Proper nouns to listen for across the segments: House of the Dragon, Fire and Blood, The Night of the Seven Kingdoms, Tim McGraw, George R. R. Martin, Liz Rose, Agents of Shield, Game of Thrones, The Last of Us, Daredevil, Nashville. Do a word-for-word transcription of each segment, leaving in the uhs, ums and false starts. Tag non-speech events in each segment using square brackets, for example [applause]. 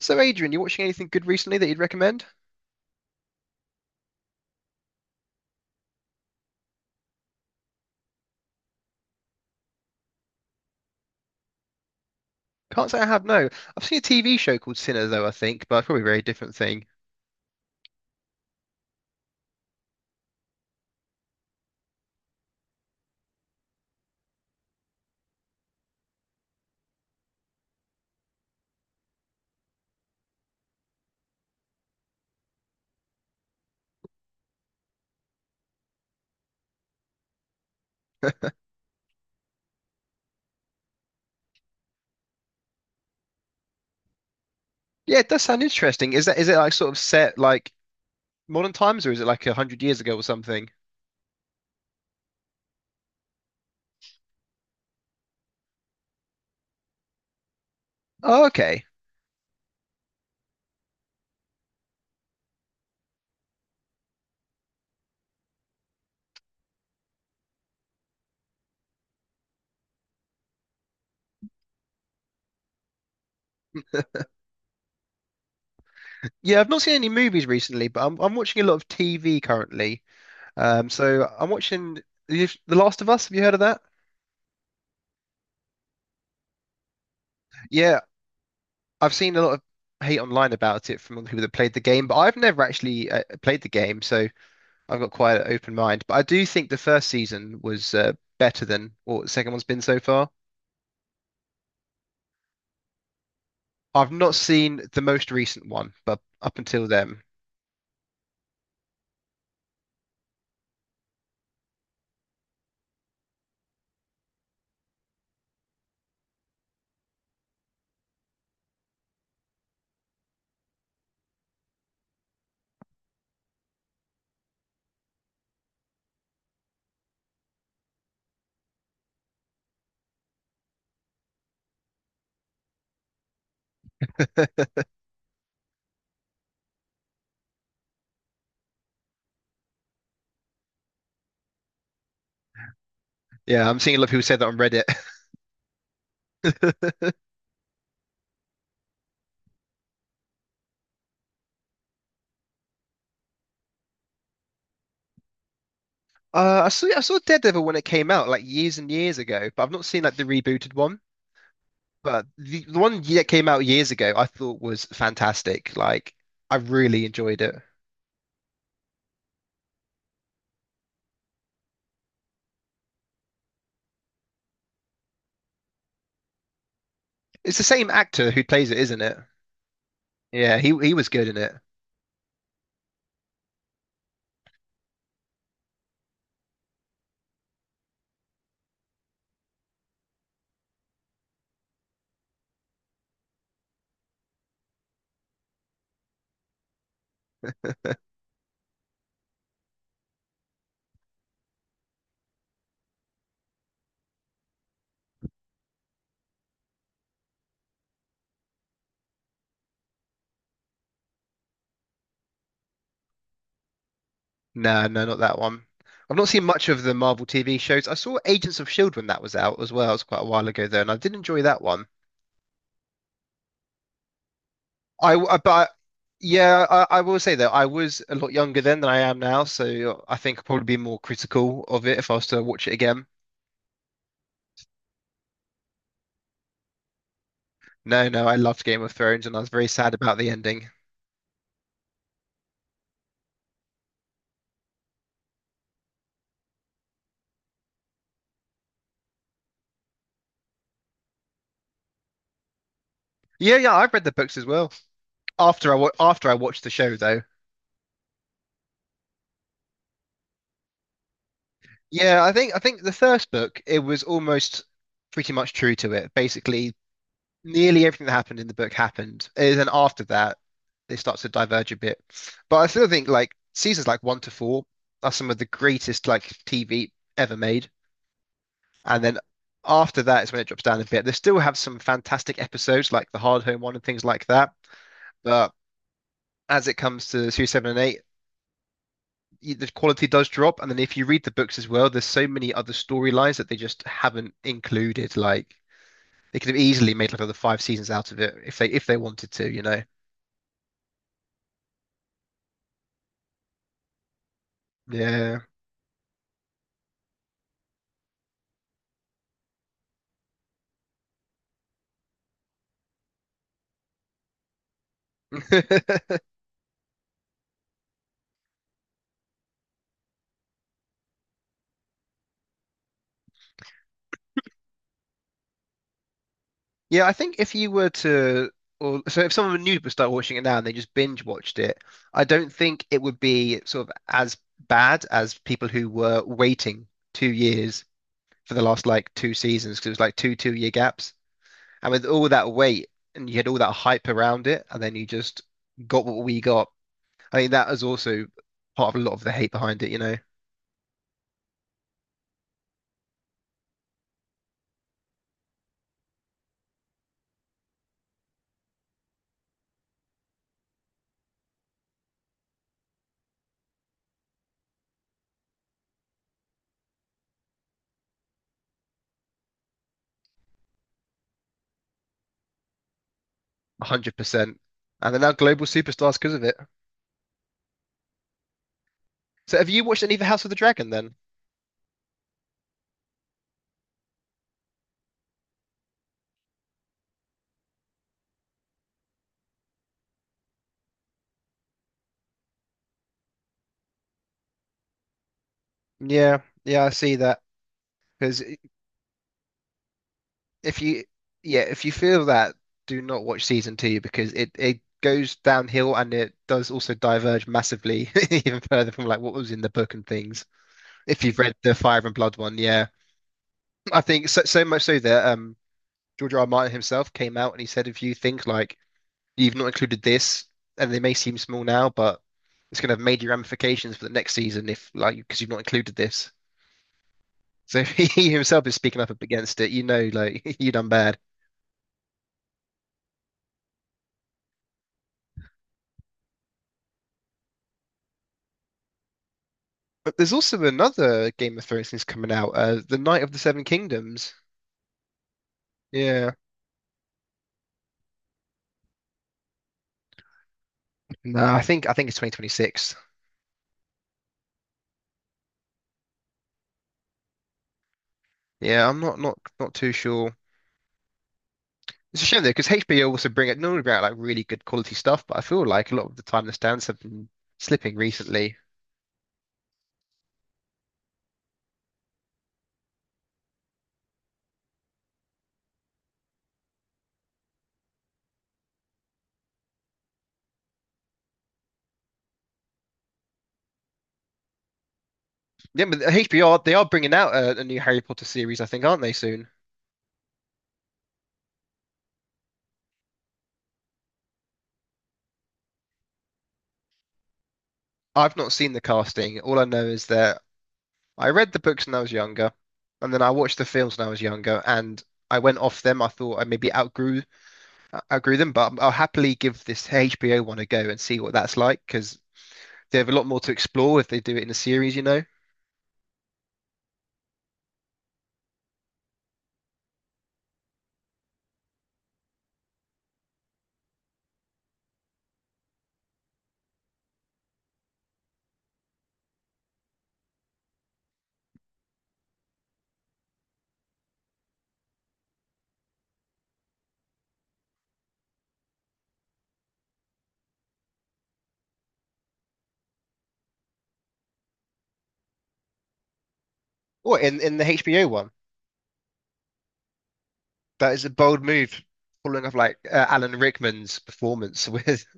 So, Adrian, you watching anything good recently that you'd recommend? Can't say I have, no. I've seen a T V show called Sinner, though, I think, but probably a very different thing. Yeah, it does sound interesting. Is that is it like sort of set like modern times, or is it like a hundred years ago or something? Oh, okay. Yeah, I've not seen any movies recently, but I'm I'm watching a lot of T V currently. Um, so I'm watching The The Last of Us. Have you heard of that? Yeah, I've seen a lot of hate online about it from people that played the game, but I've never actually uh, played the game, so I've got quite an open mind, but I do think the first season was uh, better than what the second one's been so far. I've not seen the most recent one, but up until then, yeah, I'm seeing a lot of people say that on Reddit. [laughs] Uh, I saw I saw Daredevil when it came out like years and years ago, but I've not seen like the rebooted one. But the, the one that came out years ago, I thought was fantastic. Like I really enjoyed it. It's the same actor who plays it, isn't it? Yeah, he he was good in it. No, no, not that one. I've not seen much of the Marvel T V shows. I saw Agents of Shield when that was out as well. It was quite a while ago though, and I did enjoy that one. I, w- I- but yeah, I, I will say that I was a lot younger then than I am now, so I think I'd probably be more critical of it if I was to watch it again. No, no, I loved Game of Thrones, and I was very sad about the ending. Yeah, yeah, I've read the books as well. After I wa after I watched the show though, yeah, I think I think the first book it was almost pretty much true to it. Basically, nearly everything that happened in the book happened. And then after that, it starts to diverge a bit. But I still think like seasons like one to four are some of the greatest like T V ever made. And then after that is when it drops down a bit. They still have some fantastic episodes like the Hard Home one and things like that. But as it comes to series seven and eight, the quality does drop. And then if you read the books as well, there's so many other storylines that they just haven't included. Like they could have easily made like another five seasons out of it if they if they wanted to, you know. Yeah. [laughs] Yeah, I think if you were to, or so if someone new would start watching it now and they just binge watched it, I don't think it would be sort of as bad as people who were waiting two years for the last like two seasons because it was like two two year gaps. And with all that wait and you had all that hype around it, and then you just got what we got. I think that is also part of a lot of the hate behind it, you know, one hundred percent. And they're now global superstars because of it. So have you watched any of the House of the Dragon then? Yeah, yeah, I see that. Because if you, yeah, if you feel that, do not watch season two because it it goes downhill and it does also diverge massively [laughs] even further from like what was in the book and things. If you've read the Fire and Blood one, yeah, I think so so much so that um George R. R. Martin himself came out and he said if you think like you've not included this and they may seem small now, but it's going to have major ramifications for the next season if like because you've not included this. So [laughs] he himself is speaking up against it, you know, like [laughs] you done bad. But there's also another Game of Thrones thing's coming out, uh, The Night of the Seven Kingdoms. Yeah. No, I think I think it's twenty twenty-six. Yeah, I'm not not not too sure. It's a shame though, because H B O also bring it normally bring out like really good quality stuff, but I feel like a lot of the time the stands have been slipping recently. Yeah, but H B O are- they are bringing out a, a new Harry Potter series, I think, aren't they soon? I've not seen the casting. All I know is that I read the books when I was younger, and then I watched the films when I was younger, and I went off them. I thought I maybe outgrew outgrew them, but I'll happily give this H B O one a go and see what that's like because they have a lot more to explore if they do it in a series, you know, or in in the H B O one. That is a bold move, following up like uh, Alan Rickman's performance with. [laughs]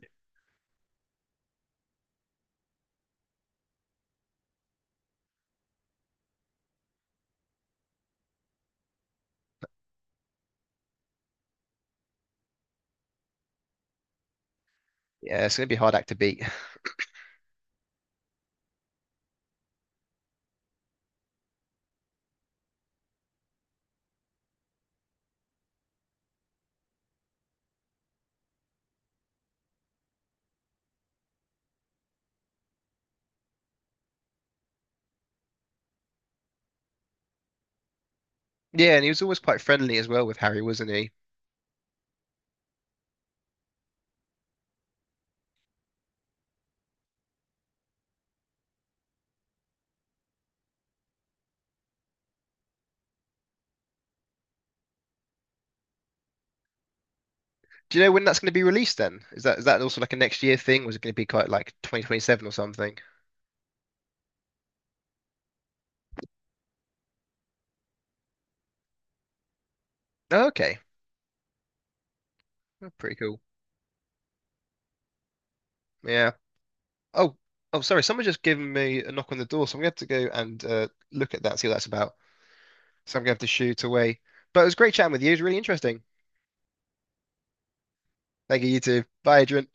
Yeah, it's gonna be a hard act to beat. Yeah, and he was always quite friendly as well with Harry, wasn't he? Do you know when that's going to be released then? Is that is that also like a next year thing? Was it going to be quite like twenty twenty-seven or something? Oh, okay. Oh, pretty cool. Yeah. Oh, oh, sorry. Someone just given me a knock on the door, so I'm going to have to go and uh, look at that, see what that's about. So I'm going to have to shoot away. But it was great chatting with you. It was really interesting. Thank you, you too. Bye, Adrian.